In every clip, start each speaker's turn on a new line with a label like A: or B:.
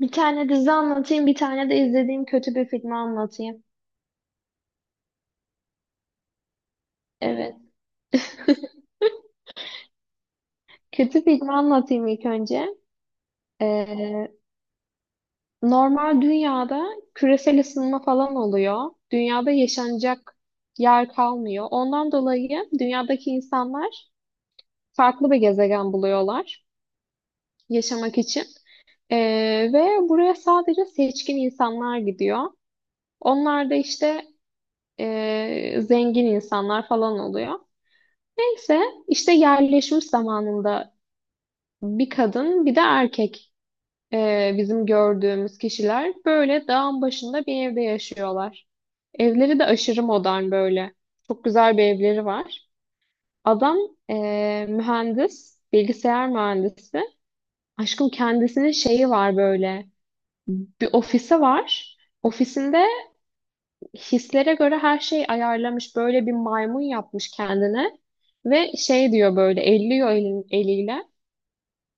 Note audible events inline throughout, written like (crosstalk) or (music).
A: Bir tane dizi anlatayım, bir tane de izlediğim kötü bir filmi anlatayım. Evet. Kötü filmi anlatayım ilk önce. Ee, normal dünyada küresel ısınma falan oluyor. Dünyada yaşanacak yer kalmıyor. Ondan dolayı dünyadaki insanlar farklı bir gezegen buluyorlar yaşamak için. Ve buraya sadece seçkin insanlar gidiyor. Onlar da işte zengin insanlar falan oluyor. Neyse işte yerleşmiş zamanında bir kadın bir de erkek, bizim gördüğümüz kişiler böyle dağın başında bir evde yaşıyorlar. Evleri de aşırı modern böyle. Çok güzel bir evleri var. Adam mühendis, bilgisayar mühendisi. Aşkım kendisinin şeyi var böyle. Bir ofisi var. Ofisinde hislere göre her şey ayarlamış. Böyle bir maymun yapmış kendine. Ve şey diyor böyle elliyor elin, eliyle.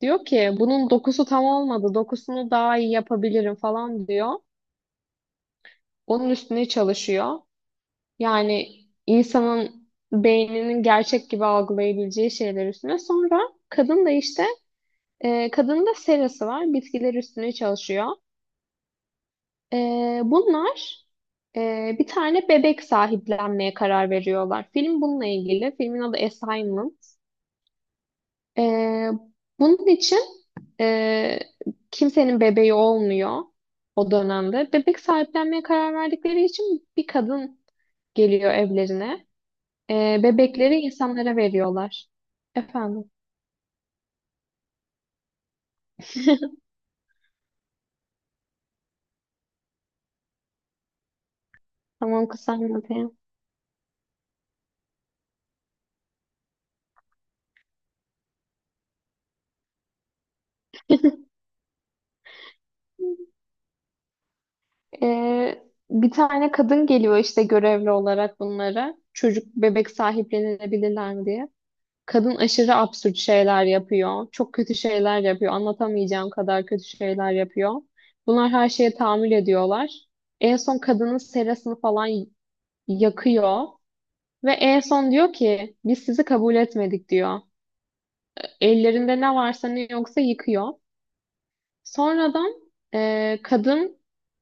A: Diyor ki bunun dokusu tam olmadı. Dokusunu daha iyi yapabilirim falan diyor. Onun üstüne çalışıyor. Yani insanın beyninin gerçek gibi algılayabileceği şeyler üstüne. Sonra kadın da işte, kadın da serası var. Bitkiler üstüne çalışıyor. E, Bunlar bir tane bebek sahiplenmeye karar veriyorlar. Film bununla ilgili. Filmin adı Assignment. Ee, Bunun için, e, kimsenin bebeği olmuyor o dönemde. Bebek sahiplenmeye karar verdikleri için bir kadın geliyor evlerine. Bebekleri insanlara veriyorlar. Efendim, tamam kısalmadım. Ee, Bir tane kadın geliyor işte görevli olarak bunlara. Çocuk bebek sahiplenilebilirler mi diye. Kadın aşırı absürt şeyler yapıyor. Çok kötü şeyler yapıyor. Anlatamayacağım kadar kötü şeyler yapıyor. Bunlar her şeye tahammül ediyorlar. En son kadının serasını falan yakıyor. Ve en son diyor ki biz sizi kabul etmedik diyor. Ellerinde ne varsa ne yoksa yıkıyor. Sonradan kadın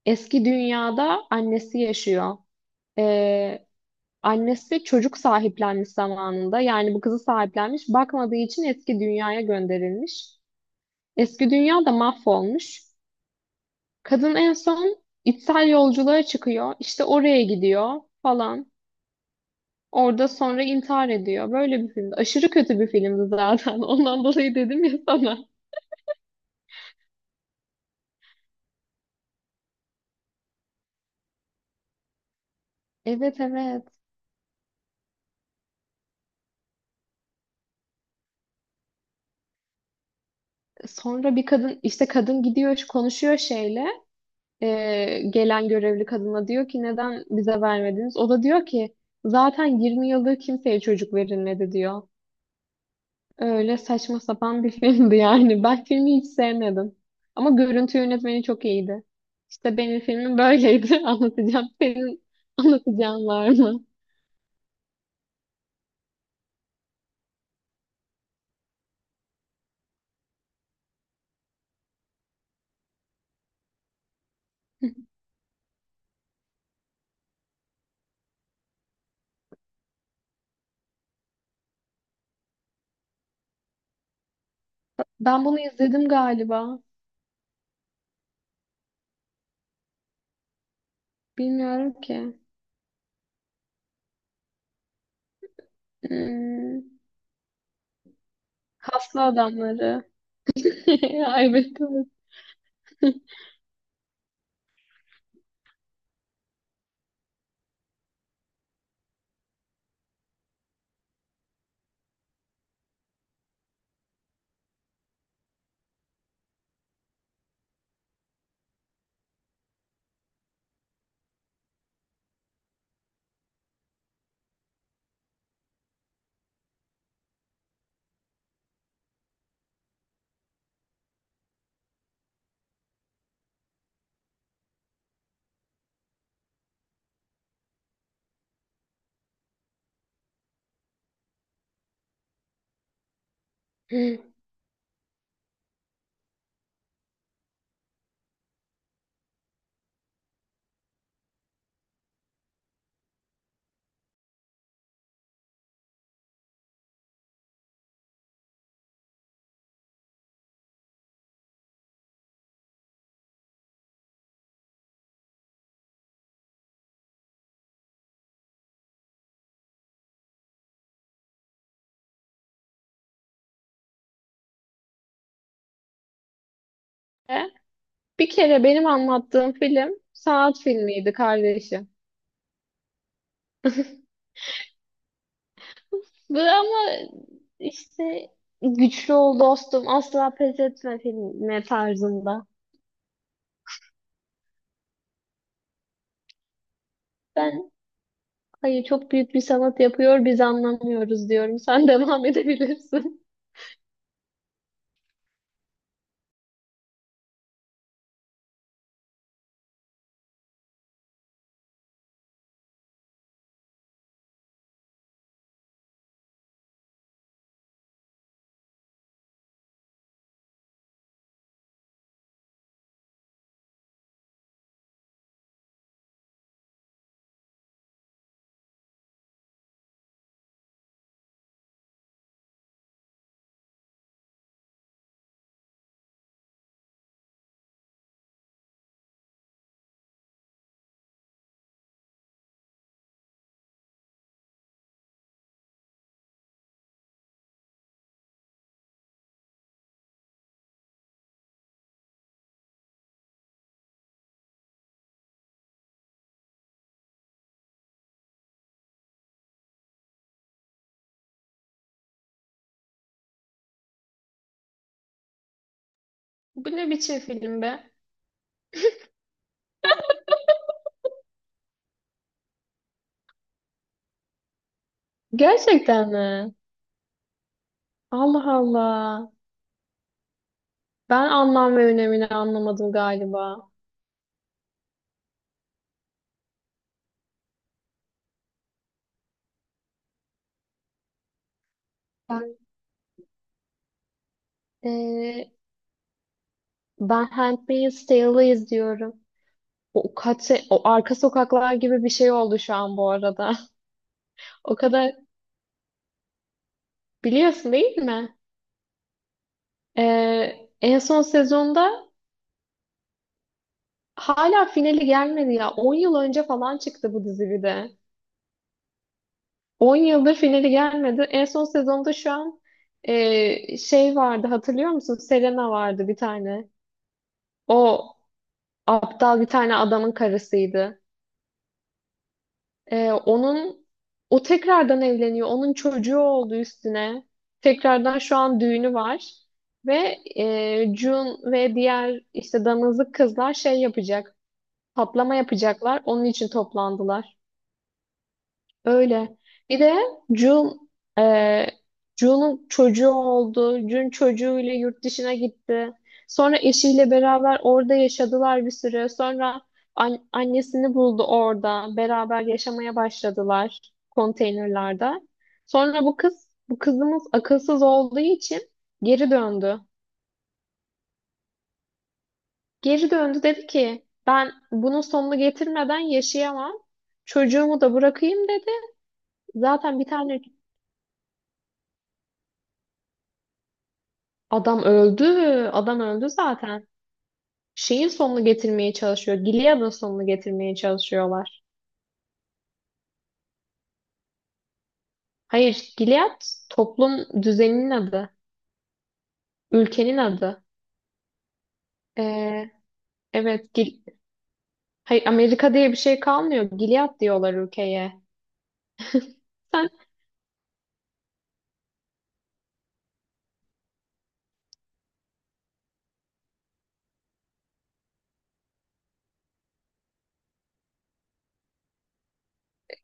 A: eski dünyada annesi yaşıyor. E, Annesi çocuk sahiplenmiş zamanında. Yani bu kızı sahiplenmiş. Bakmadığı için eski dünyaya gönderilmiş. Eski dünya da mahvolmuş. Kadın en son içsel yolculuğa çıkıyor. İşte oraya gidiyor falan. Orada sonra intihar ediyor. Böyle bir filmdi. Aşırı kötü bir filmdi zaten. (laughs) Ondan dolayı dedim ya sana. Evet, evet. Sonra bir kadın işte kadın gidiyor konuşuyor şeyle, gelen görevli kadına diyor ki neden bize vermediniz? O da diyor ki zaten 20 yıldır kimseye çocuk verilmedi diyor. Öyle saçma sapan bir (laughs) filmdi yani. Ben filmi hiç sevmedim. Ama görüntü yönetmeni çok iyiydi. İşte benim filmim böyleydi. (laughs) Anlatacağım. Senin anlatacağın var mı? Ben bunu izledim galiba. Bilmiyorum ki. Hmm. Kaslı adamları. (laughs) Ay be kız. E. (laughs) Bir kere benim anlattığım film sanat filmiydi kardeşim. (laughs) Bu ama işte güçlü ol dostum asla pes etme filmi tarzında. Ben, hayır, çok büyük bir sanat yapıyor biz anlamıyoruz diyorum. Sen (laughs) devam edebilirsin. Bu ne biçim film be? Gerçekten mi? Allah Allah. Ben anlam ve önemini anlamadım galiba. Ben eee ben Handmaid's Tale'ı izliyorum. O kaç o arka sokaklar gibi bir şey oldu şu an bu arada. (laughs) O kadar biliyorsun değil mi? En son sezonda hala finali gelmedi ya. 10 yıl önce falan çıktı bu dizi bir de. 10 yıldır finali gelmedi. En son sezonda şu an, şey vardı hatırlıyor musun? Selena vardı bir tane. O aptal bir tane adamın karısıydı. Onun, o tekrardan evleniyor. Onun çocuğu oldu üstüne. Tekrardan şu an düğünü var. Ve Jun ve diğer işte damızlık kızlar şey yapacak. Patlama yapacaklar. Onun için toplandılar. Öyle. Bir de Jun, e, Jun'un çocuğu oldu. Jun çocuğuyla yurt dışına gitti. Sonra eşiyle beraber orada yaşadılar bir süre. Sonra annesini buldu orada. Beraber yaşamaya başladılar konteynerlarda. Sonra bu kız, bu kızımız akılsız olduğu için geri döndü. Geri döndü dedi ki ben bunun sonunu getirmeden yaşayamam. Çocuğumu da bırakayım dedi. Zaten bir tane. Adam öldü. Adam öldü zaten. Şeyin sonunu getirmeye çalışıyor. Gilead'ın sonunu getirmeye çalışıyorlar. Hayır, Gilead toplum düzeninin adı. Ülkenin adı. Ee, evet, Gil. Hayır, Amerika diye bir şey kalmıyor. Gilead diyorlar ülkeye. Sen...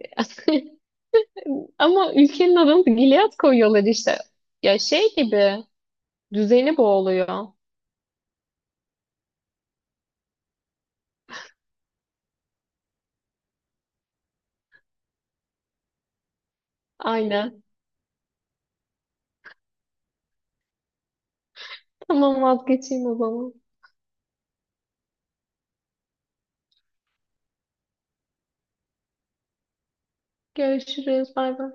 A: (laughs) Ama ülkenin adını da Gilead koyuyorlar işte. Ya şey gibi düzeni boğuluyor. Aynen. Tamam vazgeçeyim o zaman. Görüşürüz. Bay bay.